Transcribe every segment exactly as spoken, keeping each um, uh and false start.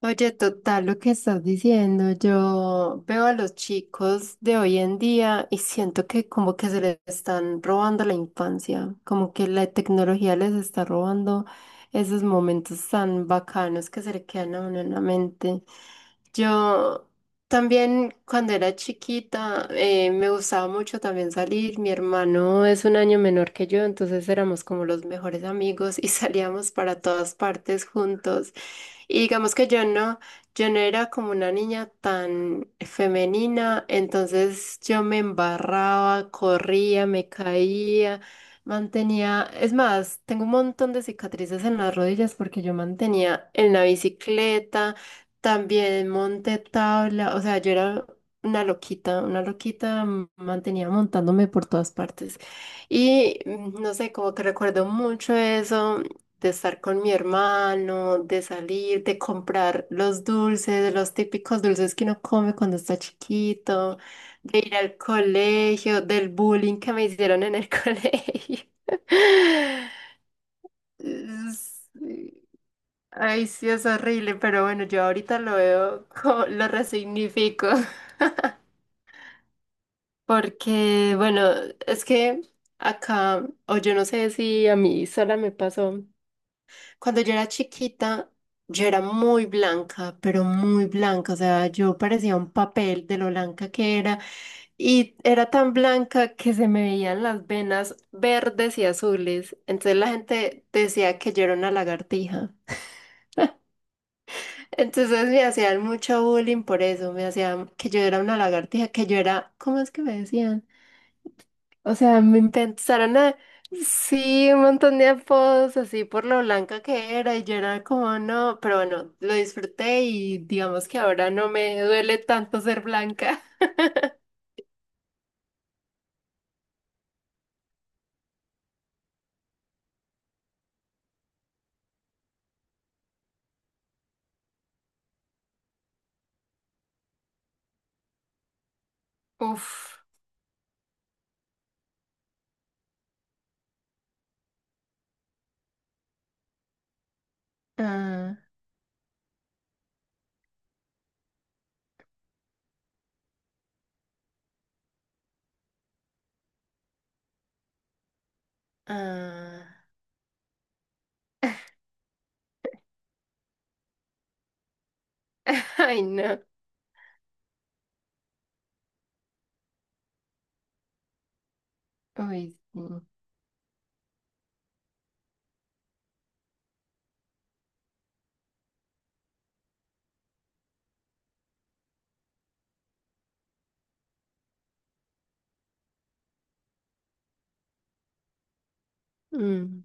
Oye, total, lo que estás diciendo, yo veo a los chicos de hoy en día y siento que como que se les están robando la infancia, como que la tecnología les está robando esos momentos tan bacanos que se le quedan a uno en la mente. Yo también cuando era chiquita eh, me gustaba mucho también salir. Mi hermano es un año menor que yo, entonces éramos como los mejores amigos y salíamos para todas partes juntos. Y digamos que yo no, yo no era como una niña tan femenina, entonces yo me embarraba, corría, me caía, mantenía, es más, tengo un montón de cicatrices en las rodillas porque yo mantenía en la bicicleta. También monté tabla, o sea, yo era una loquita, una loquita m- mantenía montándome por todas partes. Y mm, no sé, como que recuerdo mucho eso de estar con mi hermano, de salir, de comprar los dulces, los típicos dulces que uno come cuando está chiquito, de ir al colegio, del bullying que me hicieron en el colegio. Ay, sí, es horrible, pero bueno, yo ahorita lo veo, co- lo resignifico, porque bueno, es que acá, o yo no sé si a mí sola me pasó, cuando yo era chiquita, yo era muy blanca, pero muy blanca, o sea, yo parecía un papel de lo blanca que era, y era tan blanca que se me veían las venas verdes y azules, entonces la gente decía que yo era una lagartija. Entonces me hacían mucho bullying por eso, me hacían que yo era una lagartija, que yo era, ¿cómo es que me decían? O sea, me intentaron a, sí, un montón de apodos así por lo blanca que era y yo era como, no, pero bueno, lo disfruté y digamos que ahora no me duele tanto ser blanca. Uf. Ah, ah. Ay, no. Ay, sí. Mm.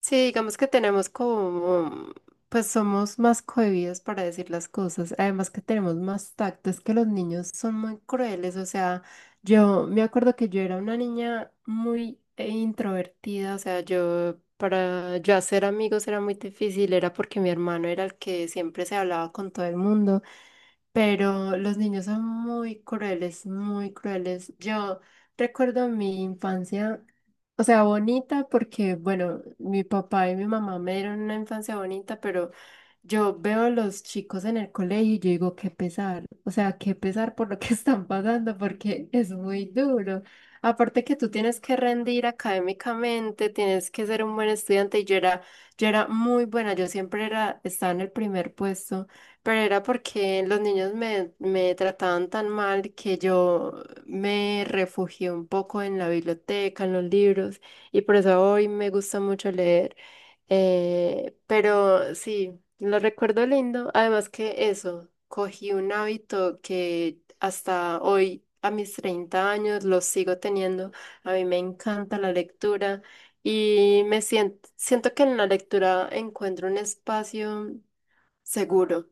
Sí, digamos que tenemos como, pues somos más cohibidos para decir las cosas, además que tenemos más tacto, es que los niños son muy crueles, o sea, yo me acuerdo que yo era una niña muy eh, introvertida, o sea, yo para yo hacer amigos era muy difícil, era porque mi hermano era el que siempre se hablaba con todo el mundo. Pero los niños son muy crueles, muy crueles. Yo recuerdo mi infancia, o sea, bonita porque, bueno, mi papá y mi mamá me dieron una infancia bonita, pero yo veo a los chicos en el colegio y yo digo, qué pesar, o sea, qué pesar por lo que están pasando, porque es muy duro. Aparte que tú tienes que rendir académicamente, tienes que ser un buen estudiante y yo era, yo era muy buena, yo siempre era, estaba en el primer puesto, pero era porque los niños me, me trataban tan mal que yo me refugié un poco en la biblioteca, en los libros, y por eso hoy me gusta mucho leer. Eh, pero sí. Lo recuerdo lindo. Además que eso, cogí un hábito que hasta hoy, a mis treinta años, lo sigo teniendo. A mí me encanta la lectura y me siento, siento que en la lectura encuentro un espacio seguro.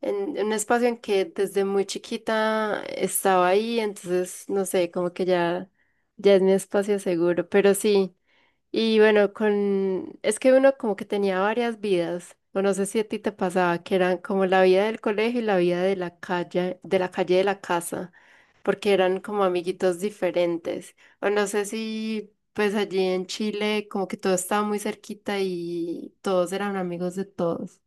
En, en un espacio en que desde muy chiquita estaba ahí, entonces, no sé, como que ya, ya es mi espacio seguro. Pero sí. Y bueno, con es que uno como que tenía varias vidas, o no sé si a ti te pasaba, que eran como la vida del colegio y la vida de la calle, de la calle de la casa, porque eran como amiguitos diferentes. O no sé si pues allí en Chile como que todo estaba muy cerquita y todos eran amigos de todos.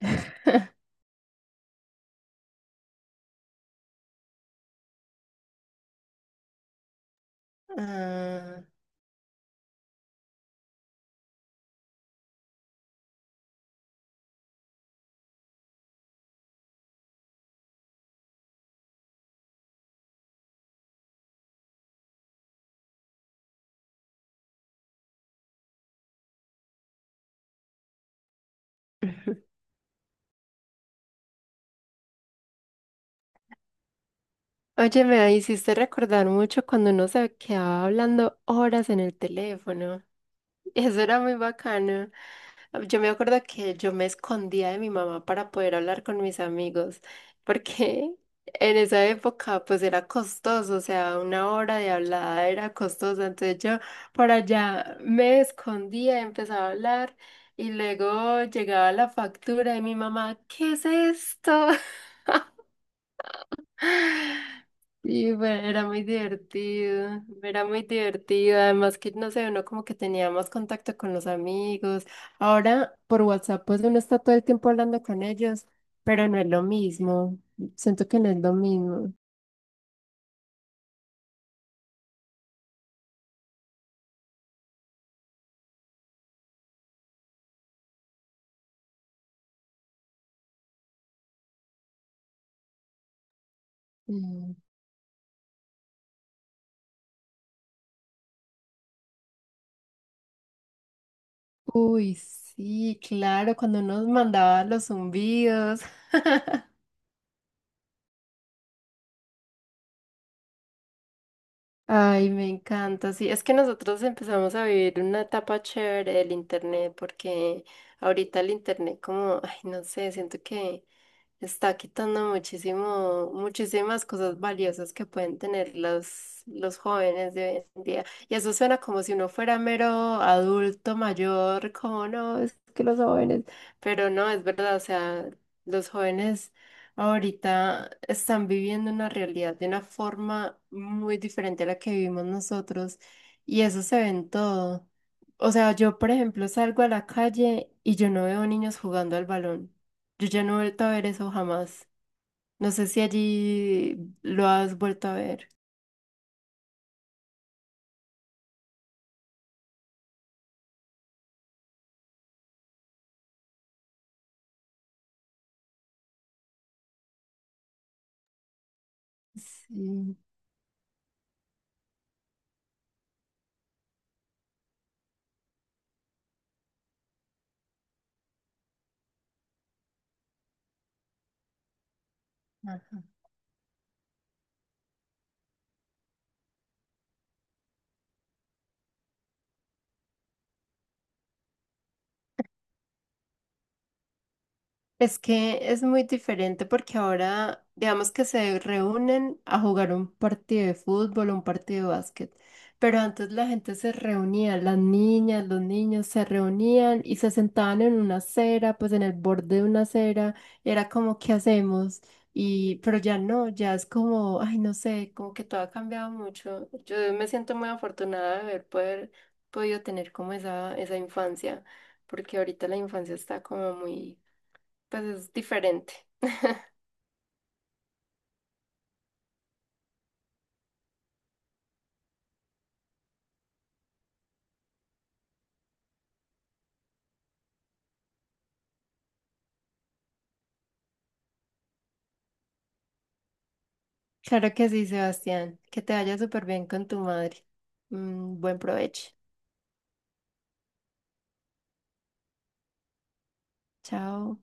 Ah. Oye, me hiciste recordar mucho cuando uno se quedaba hablando horas en el teléfono. Eso era muy bacano. Ah, yo me acuerdo que yo me escondía de mi mamá para poder hablar con mis amigos, porque en esa época pues era costoso, o sea, una hora de hablada era costosa, entonces yo por allá me escondía, empezaba a hablar y luego llegaba la factura de mi mamá, ¿qué es esto? Sí, bueno, era muy divertido, era muy divertido, además que no sé, uno como que tenía más contacto con los amigos. Ahora por WhatsApp pues uno está todo el tiempo hablando con ellos, pero no es lo mismo, siento que no es lo mismo. Mm. Uy, sí, claro, cuando nos mandaba los zumbidos. Ay, me encanta. Sí, es que nosotros empezamos a vivir una etapa chévere del internet, porque ahorita el internet como, ay, no sé, siento que está quitando muchísimo, muchísimas cosas valiosas que pueden tener los, los jóvenes de hoy en día. Y eso suena como si uno fuera mero adulto mayor, como no, es que los jóvenes, pero no, es verdad, o sea, los jóvenes ahorita están viviendo una realidad de una forma muy diferente a la que vivimos nosotros y eso se ve en todo. O sea, yo, por ejemplo, salgo a la calle y yo no veo niños jugando al balón. Yo ya no he vuelto a ver eso jamás. No sé si allí lo has vuelto a ver. Sí. Es que es muy diferente porque ahora, digamos que se reúnen a jugar un partido de fútbol, un partido de básquet, pero antes la gente se reunía, las niñas, los niños se reunían y se sentaban en una acera, pues en el borde de una acera, y era como, ¿qué hacemos? Y, pero ya no, ya es como, ay, no sé, como que todo ha cambiado mucho. Yo me siento muy afortunada de haber poder- podido tener como esa, esa infancia, porque ahorita la infancia está como muy pues es diferente. Claro que sí, Sebastián. Que te vaya súper bien con tu madre. Mm, buen provecho. Chao.